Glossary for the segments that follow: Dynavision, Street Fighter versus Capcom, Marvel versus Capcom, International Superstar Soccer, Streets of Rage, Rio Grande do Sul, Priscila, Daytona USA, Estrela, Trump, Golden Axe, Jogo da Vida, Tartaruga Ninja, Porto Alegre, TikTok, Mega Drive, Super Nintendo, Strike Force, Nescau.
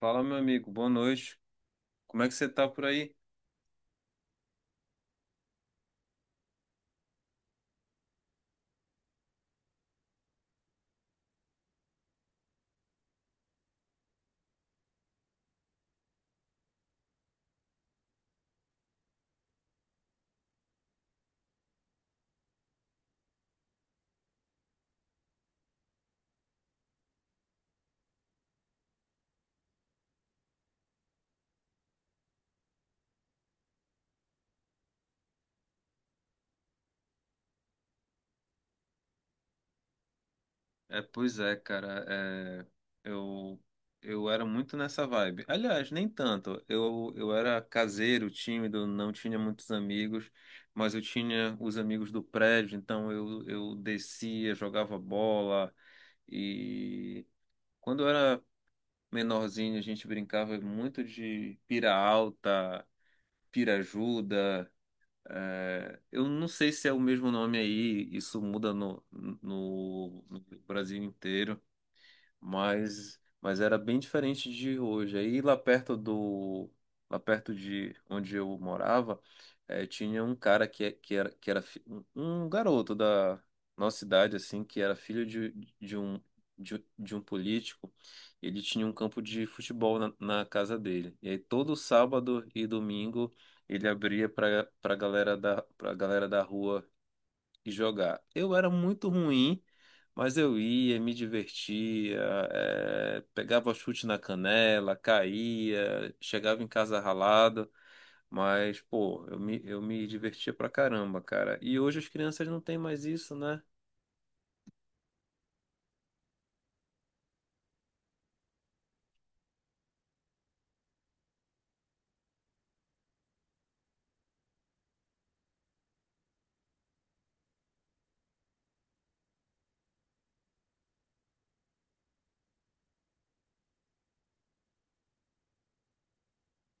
Fala, meu amigo, boa noite. Como é que você tá por aí? Pois é, cara. eu, eu era muito nessa vibe. Aliás, nem tanto. Eu era caseiro, tímido, não tinha muitos amigos, mas eu tinha os amigos do prédio, então eu descia, jogava bola. E quando eu era menorzinho, a gente brincava muito de pira alta, pira ajuda. É, eu não sei se é o mesmo nome aí, isso muda no Brasil inteiro, mas era bem diferente de hoje. Aí lá perto do Lá perto de onde eu morava, tinha um cara que é- que era fi- um garoto da nossa cidade assim, que era filho de, de um de um político. Ele tinha um campo de futebol na, na casa dele. E aí todo sábado e domingo ele abria para galera da rua e jogar. Eu era muito ruim, mas eu ia, me divertia, pegava chute na canela, caía, chegava em casa ralado, mas, pô, eu me divertia pra caramba, cara. E hoje as crianças não têm mais isso, né?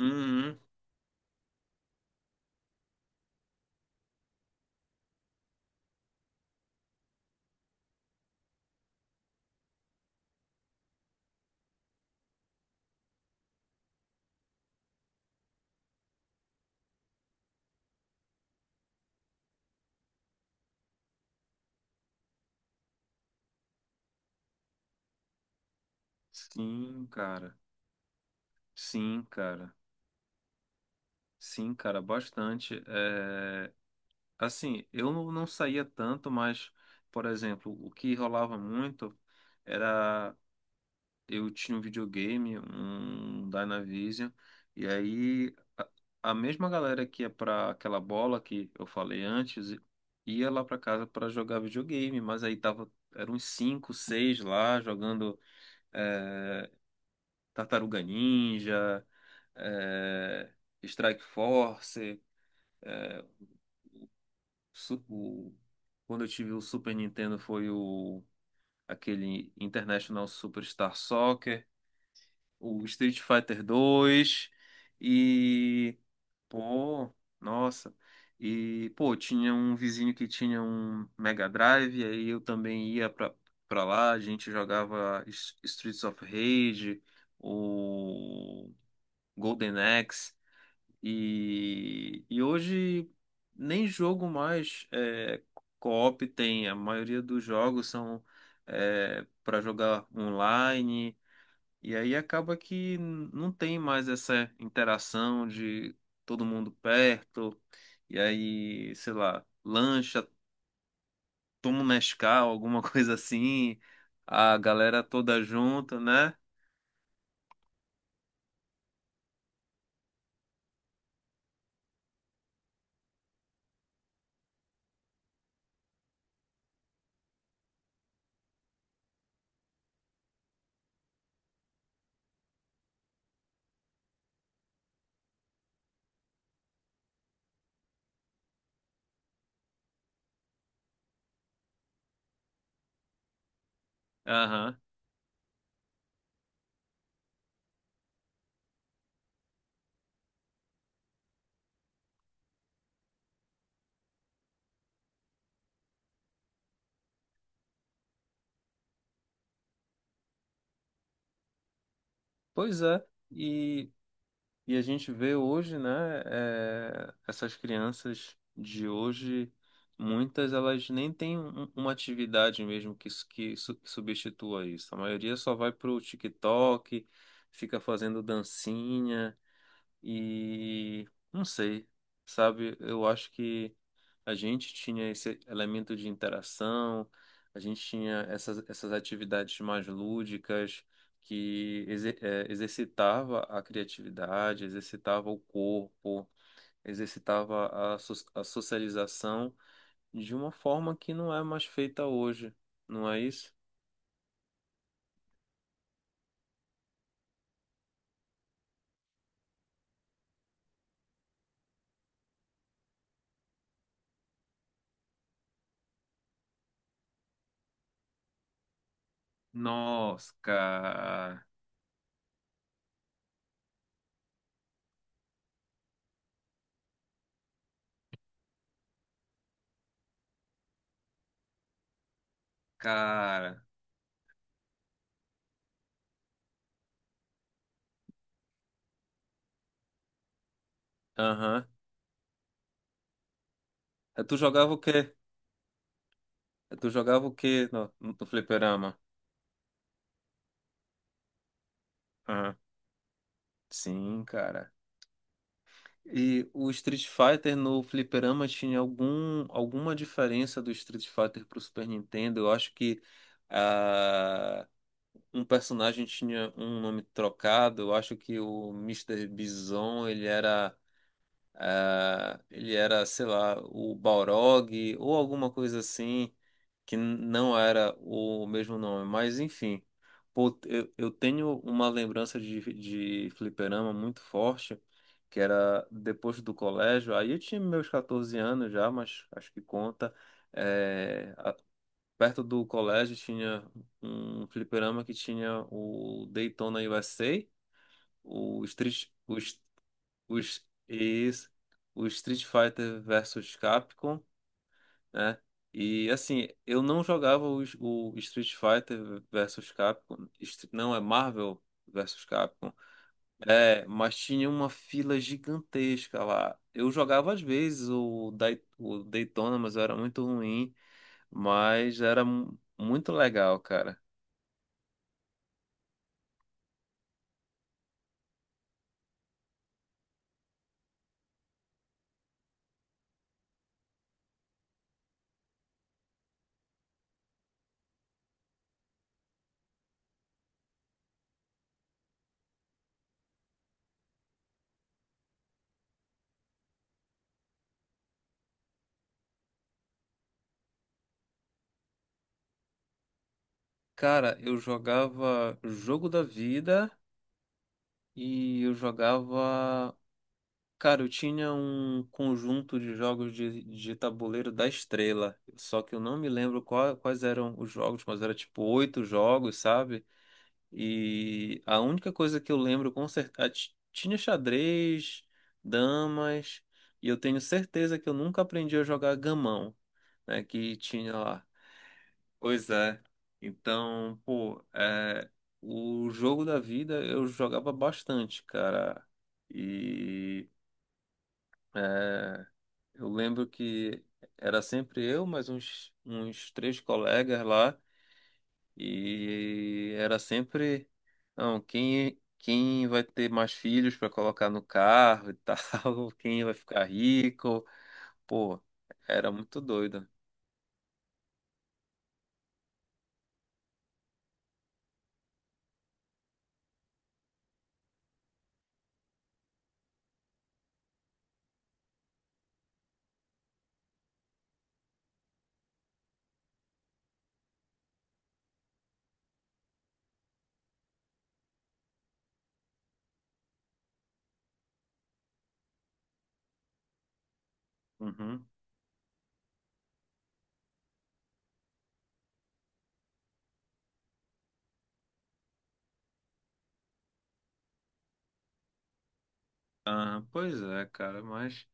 Uhum. Sim, cara. Sim, cara. Sim, cara, bastante. Assim, eu não saía tanto, mas, por exemplo, o que rolava muito. Era eu tinha um videogame, um Dynavision, e aí a mesma galera que ia pra aquela bola que eu falei antes ia lá pra casa pra jogar videogame, mas aí tava, eram uns 5, 6 lá jogando, é, Tartaruga Ninja, é, Strike Force, su- o- quando eu tive o Super Nintendo foi o aquele International Superstar Soccer, o Street Fighter 2 e pô, nossa. E pô, tinha um vizinho que tinha um Mega Drive, aí eu também ia pra, pra lá, a gente jogava Streets of Rage, o Golden Axe, e hoje nem jogo mais, co-op tem, a maioria dos jogos são, para jogar online. E aí acaba que não tem mais essa interação de todo mundo perto, e aí, sei lá, lancha, toma um Nescau, alguma coisa assim, a galera toda junto, né? Aham. Pois é. E a gente vê hoje, né, é, essas crianças de hoje, muitas elas nem têm uma atividade mesmo que substitua isso. A maioria só vai pro TikTok, fica fazendo dancinha e não sei, sabe? Eu acho que a gente tinha esse elemento de interação, a gente tinha essas atividades mais lúdicas que exercitava a criatividade, exercitava o corpo, exercitava a socialização de uma forma que não é mais feita hoje, não é isso? Nossa, cara. Cara. Aham. Eh, Tu jogava o quê? Tu jogava o quê no fliperama? Aham. Sim, cara. E o Street Fighter no fliperama tinha alguma diferença do Street Fighter pro Super Nintendo? Eu acho que ah, um personagem tinha um nome trocado. Eu acho que o Mister Bison, ele era, sei lá, o Balrog ou alguma coisa assim que não era o mesmo nome, mas enfim. Pô, eu tenho uma lembrança de fliperama muito forte, que era depois do colégio, aí eu tinha meus 14 anos já, mas acho que conta. É, a- Perto do colégio tinha um fliperama que tinha o Daytona USA, o Street, os, isso, o Street Fighter versus Capcom, né? E assim, eu não jogava o Street Fighter versus Capcom, não é Marvel versus Capcom, é, mas tinha uma fila gigantesca lá. Eu jogava às vezes o Daytona, mas eu era muito ruim, mas era muito legal, cara. Cara, eu jogava Jogo da Vida e eu jogava. Cara, eu tinha um conjunto de jogos de tabuleiro da Estrela, só que eu não me lembro quais eram os jogos, mas era tipo oito jogos, sabe? E a única coisa que eu lembro com certeza, tinha xadrez, damas, e eu tenho certeza que eu nunca aprendi a jogar gamão, né? Que tinha lá. Pois é. Então, pô, é, o jogo da vida eu jogava bastante, cara. E. É, eu lembro que era sempre eu, mais uns, uns três colegas lá, e era sempre, não, quem, quem vai ter mais filhos para colocar no carro e tal, quem vai ficar rico, pô, era muito doido. Uhum. Ah, pois é, cara, mas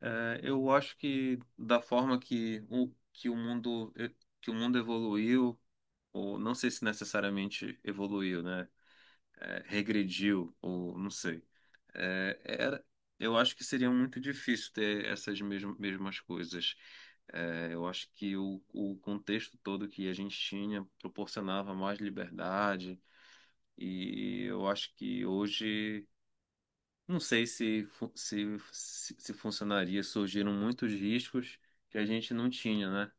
é, eu acho que da forma que que o mundo, que o mundo evoluiu, ou não sei se necessariamente evoluiu, né? É, regrediu, ou não sei. É, era, eu acho que seria muito difícil ter essas mesmas coisas. É, eu acho que o contexto todo que a gente tinha proporcionava mais liberdade, e eu acho que hoje, não sei se se funcionaria, surgiram muitos riscos que a gente não tinha, né?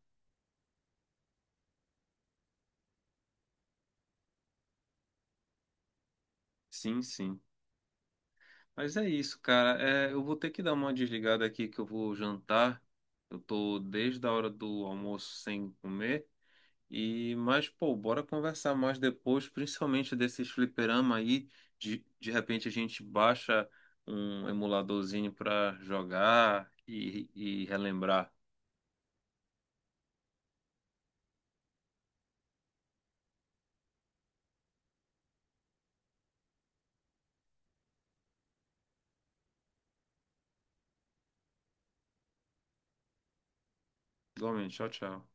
Sim, sim. Mas é isso, cara. É, eu vou ter que dar uma desligada aqui que eu vou jantar. Eu tô desde a hora do almoço sem comer. E, mas, pô, bora conversar mais depois, principalmente desses fliperama aí. De repente a gente baixa um emuladorzinho pra jogar e relembrar. Igualmente, tchau, tchau.